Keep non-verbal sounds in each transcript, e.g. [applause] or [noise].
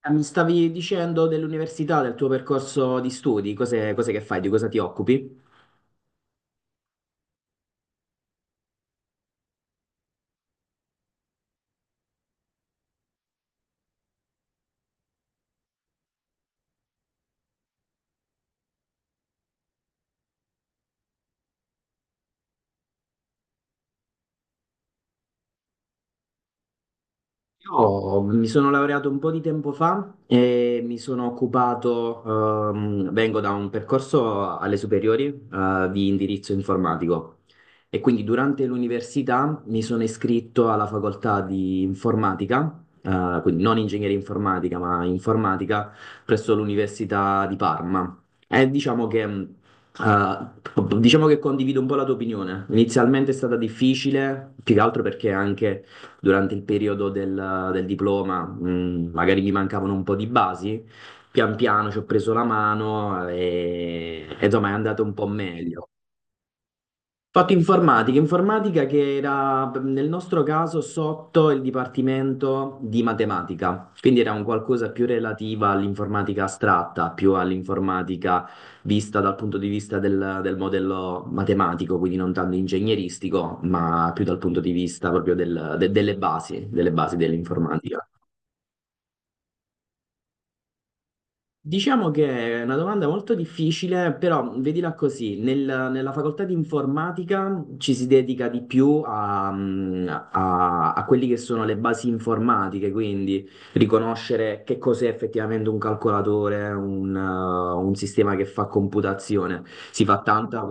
Ah, mi stavi dicendo dell'università, del tuo percorso di studi, cose, cose che fai, di cosa ti occupi? Io mi sono laureato un po' di tempo fa e mi sono occupato, vengo da un percorso alle superiori, di indirizzo informatico e quindi durante l'università mi sono iscritto alla facoltà di informatica, quindi non ingegneria informatica ma informatica presso l'Università di Parma. E diciamo che, eh, diciamo che condivido un po' la tua opinione. Inizialmente è stata difficile, più che altro perché anche durante il periodo del diploma, magari mi mancavano un po' di basi, pian piano ci ho preso la mano e insomma è andato un po' meglio. Fatto informatica, informatica che era nel nostro caso sotto il dipartimento di matematica, quindi era un qualcosa più relativa all'informatica astratta, più all'informatica vista dal punto di vista del modello matematico, quindi non tanto ingegneristico, ma più dal punto di vista proprio delle basi dell'informatica. Diciamo che è una domanda molto difficile, però vedila così, nella facoltà di informatica ci si dedica di più a quelli che sono le basi informatiche, quindi riconoscere che cos'è effettivamente un calcolatore, un sistema che fa computazione. Si fa tanta,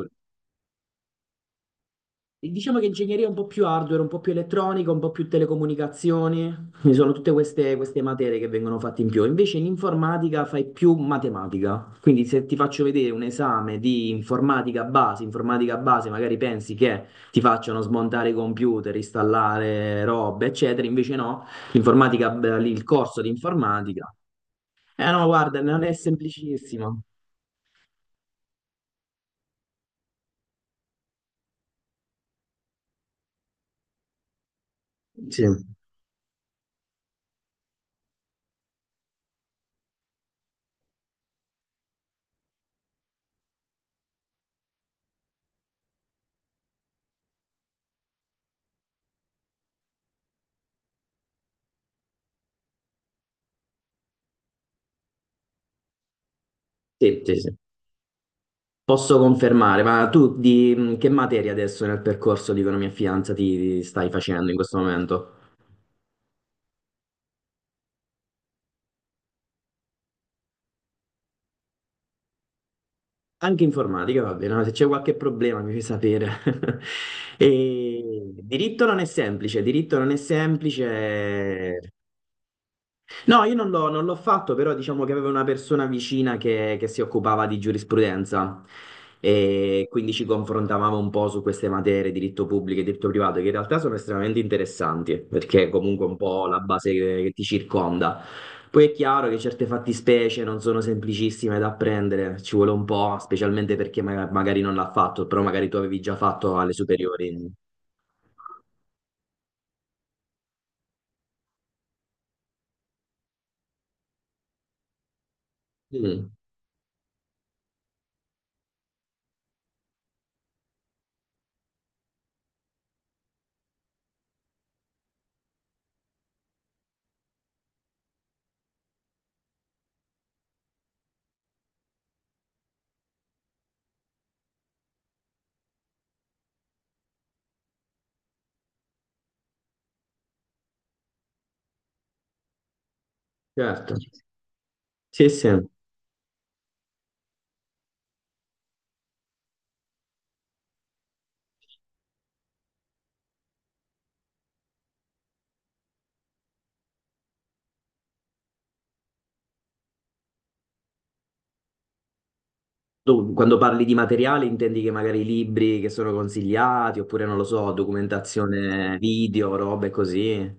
diciamo che ingegneria è un po' più hardware, un po' più elettronica, un po' più telecomunicazioni. Ci sono tutte queste materie che vengono fatte in più. Invece in informatica fai più matematica, quindi se ti faccio vedere un esame di informatica base, magari pensi che ti facciano smontare i computer, installare robe, eccetera, invece no, l'informatica, beh, lì, il corso di informatica, eh no, guarda, non è semplicissimo. Sì, sì, sì. Sì. Posso confermare, ma tu di che materia adesso nel percorso di economia e finanza ti stai facendo in questo momento? Anche informatica, va bene, no? Se c'è qualche problema mi fai sapere. [laughs] E diritto non è semplice, diritto non è semplice. No, io non l'ho fatto, però diciamo che avevo una persona vicina che si occupava di giurisprudenza e quindi ci confrontavamo un po' su queste materie, diritto pubblico e diritto privato, che in realtà sono estremamente interessanti, perché è comunque un po' la base che ti circonda. Poi è chiaro che certe fattispecie non sono semplicissime da apprendere, ci vuole un po', specialmente perché magari non l'ha fatto, però magari tu avevi già fatto alle superiori. Mm, certo, sì, sì. Tu, quando parli di materiale, intendi che magari libri che sono consigliati, oppure non lo so, documentazione video, robe così.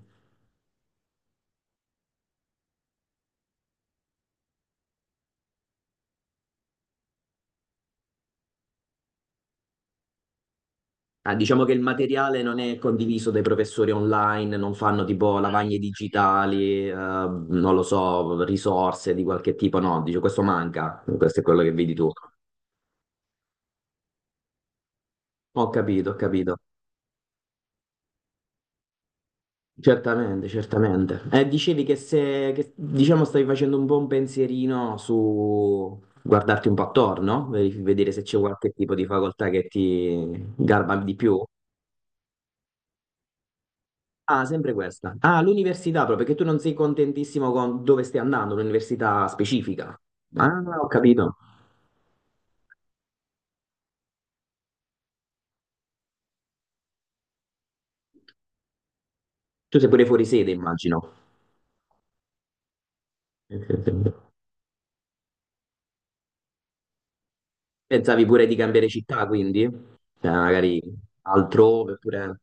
Ah, diciamo che il materiale non è condiviso dai professori online, non fanno tipo lavagne digitali, non lo so, risorse di qualche tipo, no, dice questo manca, questo è quello che vedi tu. Ho capito, ho capito. Certamente, certamente. Dicevi che se, che, diciamo, stavi facendo un buon pensierino su guardarti un po' attorno, no? Vedere se c'è qualche tipo di facoltà che ti garba di più. Ah, sempre questa. Ah, l'università proprio, perché tu non sei contentissimo con dove stai andando, un'università specifica. Ah, ho capito. Tu sei pure fuori sede, immagino. Pensavi pure di cambiare città, quindi? Magari altrove, oppure...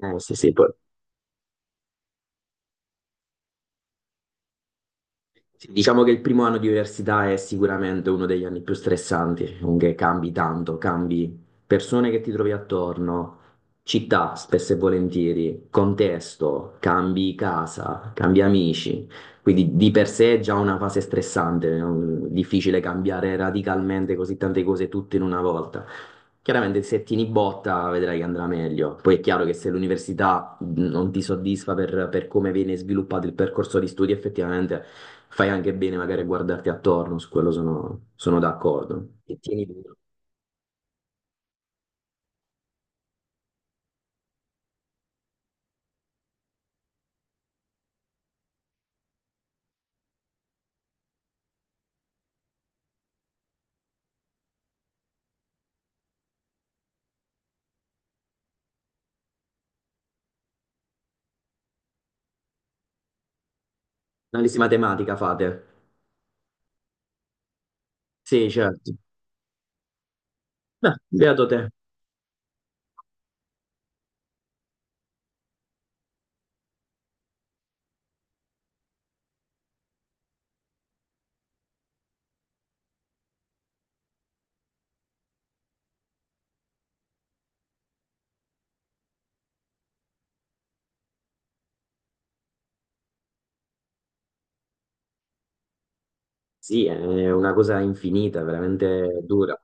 Sì, sì, poi- sì, diciamo che il primo anno di università è sicuramente uno degli anni più stressanti, comunque cambi tanto, cambi persone che ti trovi attorno, città spesso e volentieri, contesto, cambi casa, cambi amici, quindi di per sé è già una fase stressante, è difficile cambiare radicalmente così tante cose tutte in una volta. Chiaramente se tieni botta vedrai che andrà meglio. Poi è chiaro che se l'università non ti soddisfa per come viene sviluppato il percorso di studi, effettivamente fai anche bene magari a guardarti attorno, su quello sono d'accordo. E tieni duro. Analisi matematica fate? Sì, certo. Beh, beato te. Sì, è una cosa infinita, veramente dura.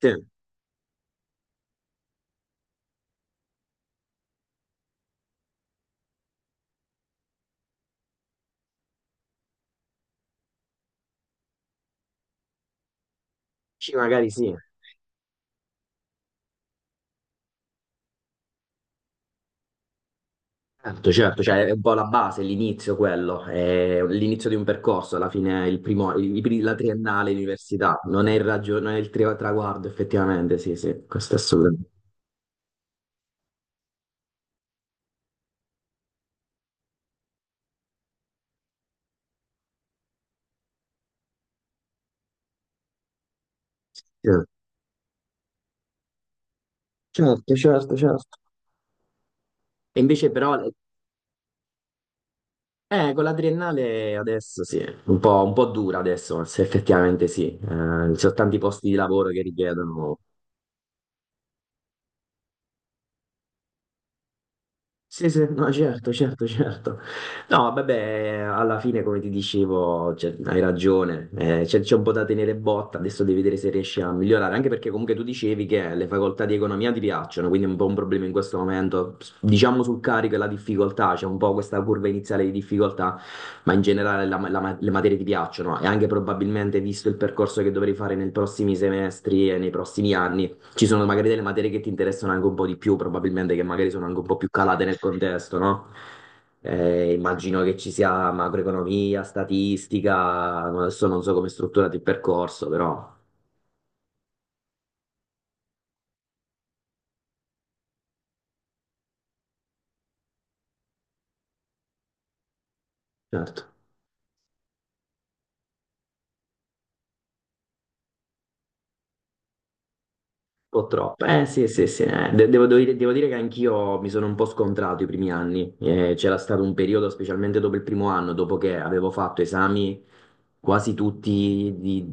Sì, sì, magari sì. Certo, certo, cioè è un po' la base, l'inizio quello, è l'inizio di un percorso, alla fine il primo, la triennale, l'università, non è non è traguardo effettivamente, sì, sì, questo è assolutamente. Sì. Certo, certo, certo. E invece però con la triennale adesso sì, un po' dura adesso, se effettivamente sì, eh, ci sono tanti posti di lavoro che richiedono. Sì, sì, no, certo, certo, certo. No, vabbè, alla fine, come ti dicevo, cioè, hai ragione, c'è un po' da tenere botta, adesso devi vedere se riesci a migliorare, anche perché comunque tu dicevi che le facoltà di economia ti piacciono, quindi è un po' un problema in questo momento, diciamo sul carico e la difficoltà, c'è un po' questa curva iniziale di difficoltà, ma in generale le materie ti piacciono e anche probabilmente visto il percorso che dovrei fare nei prossimi semestri e nei prossimi anni. Ci sono magari delle materie che ti interessano anche un po' di più, probabilmente che magari sono anche un po' più calate nel contesto, no? Immagino che ci sia macroeconomia, statistica, adesso non so come è strutturato il percorso, però certo, un po' troppo. Eh sì, sì, sì, eh. Devo, devo dire che anch'io mi sono un po' scontrato i primi anni. C'era stato un periodo, specialmente dopo il primo anno, dopo che avevo fatto esami quasi tutti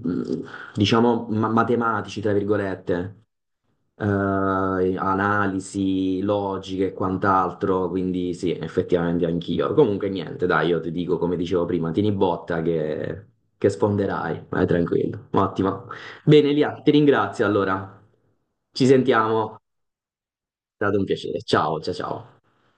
diciamo, matematici, tra virgolette. Eh, analisi logiche e quant'altro, quindi sì, effettivamente anch'io. Comunque niente, dai, io ti dico come dicevo prima, tieni botta che sfonderai, vai tranquillo. Ottimo. Bene, Lia, ti ringrazio allora. Ci sentiamo, è stato un piacere. Ciao, ciao, ciao.